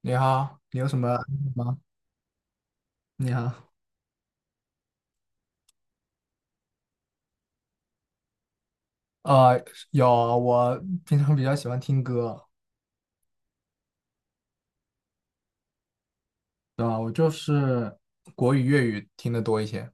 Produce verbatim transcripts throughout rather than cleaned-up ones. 你好，你有什么爱好吗？你好，呃，有，我平常比较喜欢听歌，对吧？我就是国语、粤语听的多一些。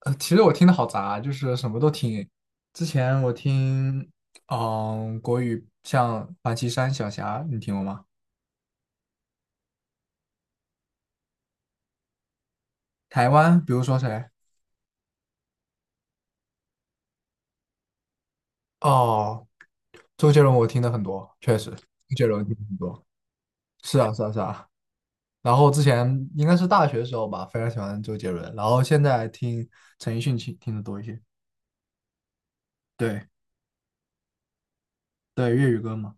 呃，其实我听的好杂，就是什么都听。之前我听，嗯、国语像王岐山、小霞，你听过吗？台湾，比如说谁？哦，周杰伦，我听的很多，确实，周杰伦听的很多。是啊，是啊，是啊。然后之前应该是大学的时候吧，非常喜欢周杰伦，然后现在听陈奕迅听听的多一些。对对，粤语歌嘛。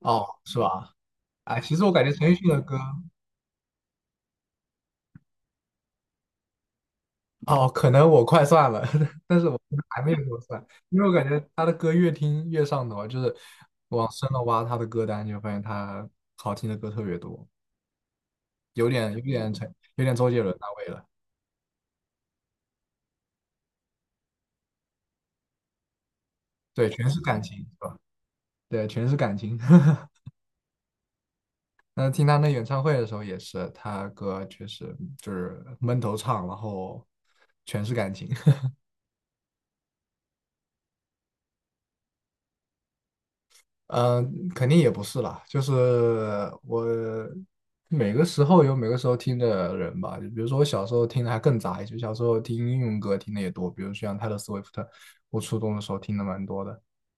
哦，是吧？哎，其实我感觉陈奕迅的歌，哦，可能我快算了，但是我还没有这么算，因为我感觉他的歌越听越上头啊，就是往深了挖他的歌单，就发现他好听的歌特别多，有点有点陈，有点周杰伦那味了。对，全是感情，是吧？对，全是感情。那听他那演唱会的时候也是，他歌确实就是闷头唱，然后全是感情。嗯，肯定也不是啦，就是我每个时候有每个时候听的人吧。就比如说我小时候听的还更杂一些，小时候听英文歌听的也多，比如像泰勒·斯威夫特，我初中的时候听的蛮多的。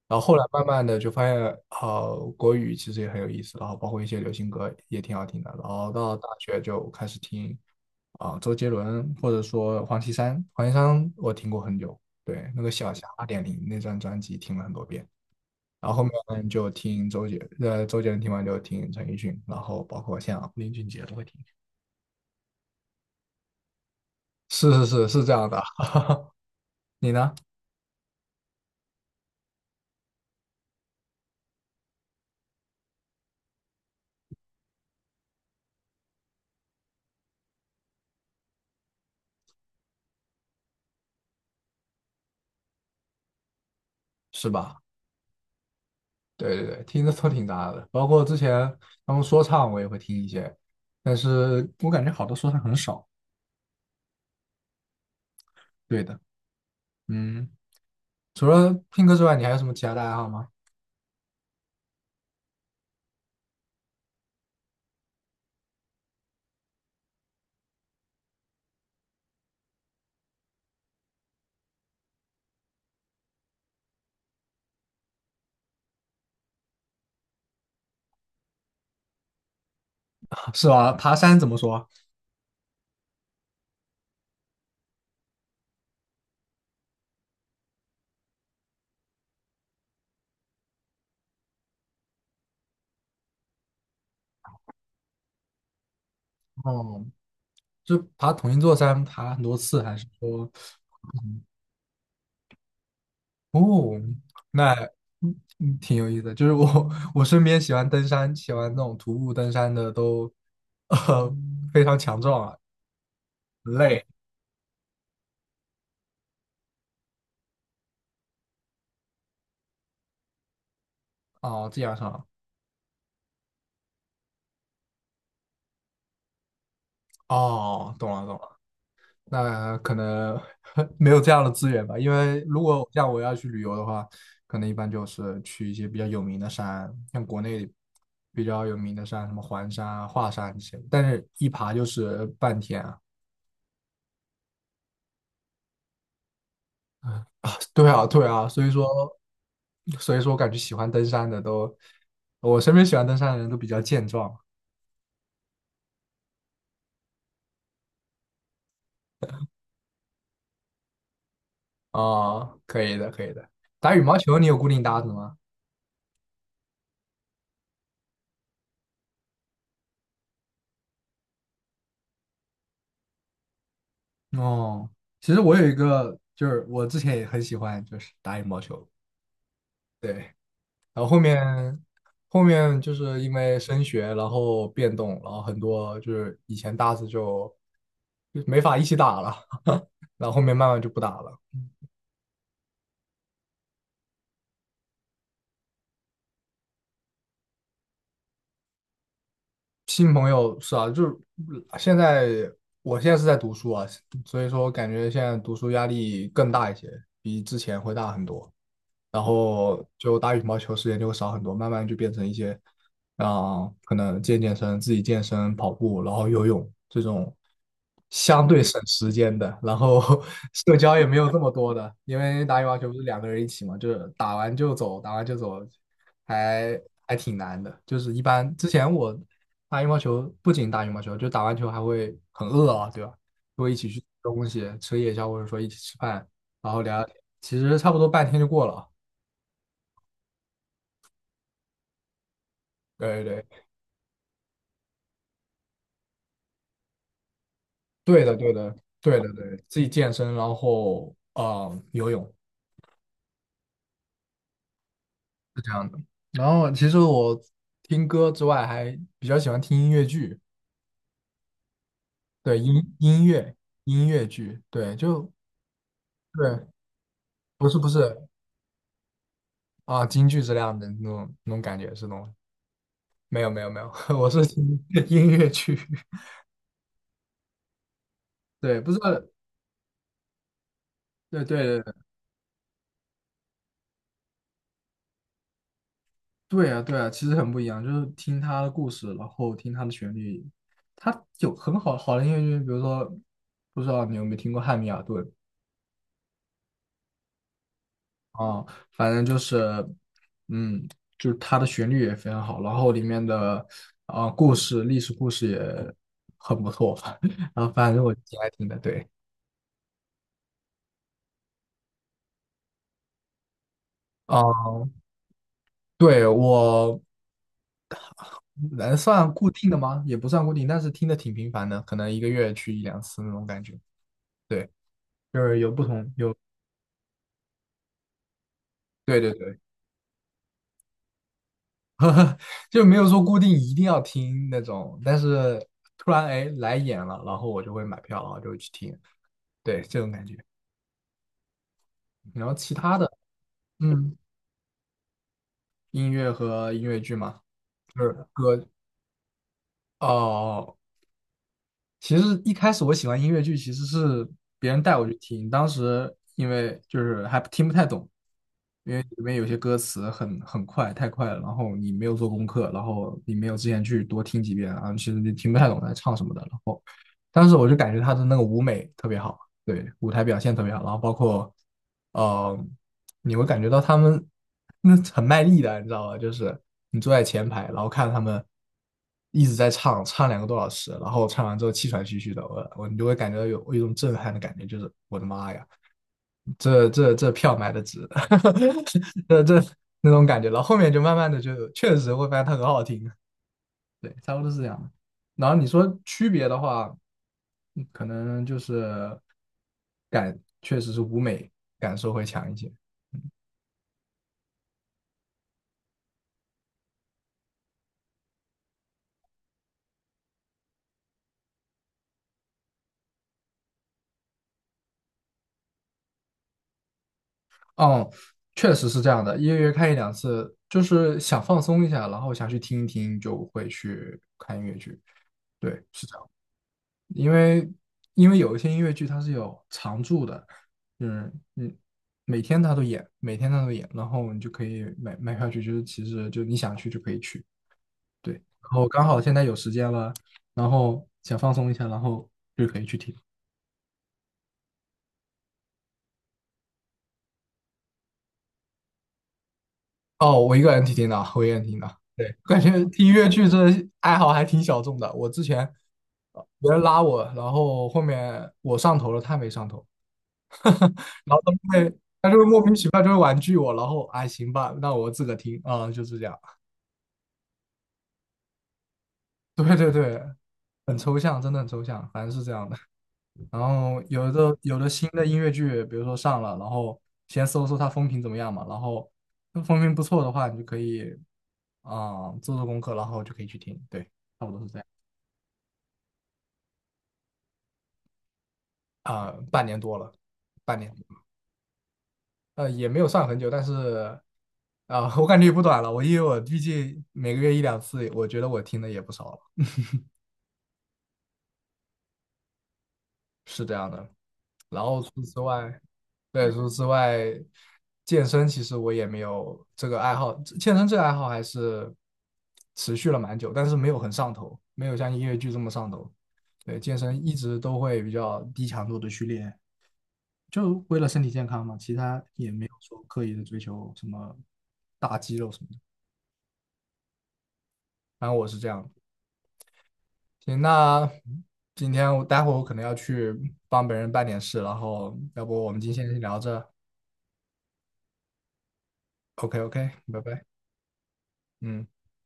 然后后来慢慢的就发现，呃，国语其实也很有意思，然后包括一些流行歌也挺好听的。然后到大学就开始听啊、周杰伦或者说黄绮珊，黄绮珊我听过很久，对，那个小霞二点零那张专辑听了很多遍。然后后面就听周杰，呃，周杰伦听完就听陈奕迅，然后包括像，林俊杰都会听。是是是是这样的，你呢？是吧？对对对，听的都挺杂的，包括之前他们说唱我也会听一些，但是我感觉好多说唱很少。对的，嗯，除了听歌之外，你还有什么其他的爱好吗？是吧？爬山怎么说？哦，就爬同一座山，爬很多次，还是说？嗯哦，那嗯嗯挺有意思的。就是我我身边喜欢登山、喜欢那种徒步登山的都，呃，非常强壮啊，累哦，这样上哦，懂了懂了。那可能 没有这样的资源吧，因为如果像我要去旅游的话，可能一般就是去一些比较有名的山，像国内比较有名的山，什么环山啊、华山这些，但是一爬就是半天啊。对啊，对啊，所以说，所以说我感觉喜欢登山的都，我身边喜欢登山的人都比较健壮啊、可以的，可以的。打羽毛球你有固定搭子吗？哦，其实我有一个，就是我之前也很喜欢，就是打羽毛球。对，然后后面后面就是因为升学，然后变动，然后很多就是以前搭子就就没法一起打了，然后后面慢慢就不打了。新朋友是啊，就是现在我现在是在读书啊，所以说我感觉现在读书压力更大一些，比之前会大很多。然后就打羽毛球时间就会少很多，慢慢就变成一些，啊、可能健健身、自己健身、跑步，然后游泳这种相对省时间的，然后 社交也没有这么多的，因为打羽毛球不是两个人一起嘛，就是打完就走，打完就走，还还挺难的。就是一般之前我打羽毛球，不仅打羽毛球，就打完球还会很饿啊，对吧？就会一起去吃东西，吃夜宵，或者说一起吃饭，然后聊聊天，其实差不多半天就过了。对对对的对的对的对，自己健身，然后呃游泳是这样的。然后其实我听歌之外，还比较喜欢听音乐剧，对音音乐音乐剧，对就对，不是不是啊，京剧这样的那种那种感觉是那种，没有没有没有，我是听音乐剧，对，不知道对对对啊，对啊，其实很不一样，就是听他的故事，然后听他的旋律，他有很好好的音乐剧，比如说，不知道你有没有听过《汉密尔顿》啊，反正就是，嗯，就是他的旋律也非常好，然后里面的啊、故事、历史故事也很不错，啊，反正我挺爱听的，对。啊，对，我能算固定的吗？也不算固定，但是听的挺频繁的，可能一个月去一两次那种感觉。对，就是有不同，有，对对对。就没有说固定一定要听那种，但是突然哎来演了，然后我就会买票，然后就会去听，对，这种感觉。然后其他的，嗯，音乐和音乐剧嘛，就是歌哦。其实一开始我喜欢音乐剧，其实是别人带我去听，当时因为就是还听不太懂，因为里面有些歌词很很快，太快了，然后你没有做功课，然后你没有之前去多听几遍，然后其实你听不太懂在唱什么的。然后。当时我就感觉他的那个舞美特别好，对，舞台表现特别好，然后包括，呃，你会感觉到他们那很卖力的，你知道吧？就是你坐在前排，然后看他们一直在唱，唱两个多小时，然后唱完之后气喘吁吁的，我我你就会感觉到有有一种震撼的感觉，就是我的妈呀，这这这票买的值，这这那种感觉，然后后面就慢慢的就确实会发现它很好听，对，差不多是这样的。然后你说区别的话，嗯可能就是感确实是舞美感受会强一些。嗯，确实是这样的，一个月看一两次，就是想放松一下，然后想去听一听，就会去看音乐剧。对，是这样，因为因为有一些音乐剧它是有常驻的，就是嗯，每天它都演，每天它都演，然后你就可以买买票去，就是其实就你想去就可以去。对，然后刚好现在有时间了，然后想放松一下，然后就可以去听。哦，我一个人听听的，我一个人听的。对，感觉听越剧这爱好还挺小众的。我之前呃别人拉我，然后后面我上头了，他没上头，然后他就会他就会莫名其妙就会婉拒我，然后哎行吧，那我自个听啊、嗯就是这样。对对对，很抽象，真的很抽象，反正是这样的。然后有的有的新的音乐剧，比如说上了，然后先搜搜它风评怎么样嘛，然后那风评不错的话，你就可以啊、做做功课，然后就可以去听。对，差不多是这样啊、半年多了，半年呃也没有算很久，但是啊、我感觉也不短了。我因为我毕竟每个月一两次，我觉得我听的也不少了。是这样的。然后除此之外，对，除此之外，健身其实我也没有这个爱好，健身这个爱好还是持续了蛮久，但是没有很上头，没有像音乐剧这么上头。对，健身一直都会比较低强度的去练，就为了身体健康嘛，其他也没有说刻意的追求什么大肌肉什么的。反正我是这样的。行，那今天我待会儿我可能要去帮别人办点事，然后要不我们今天先聊着。OK OK，拜拜，嗯。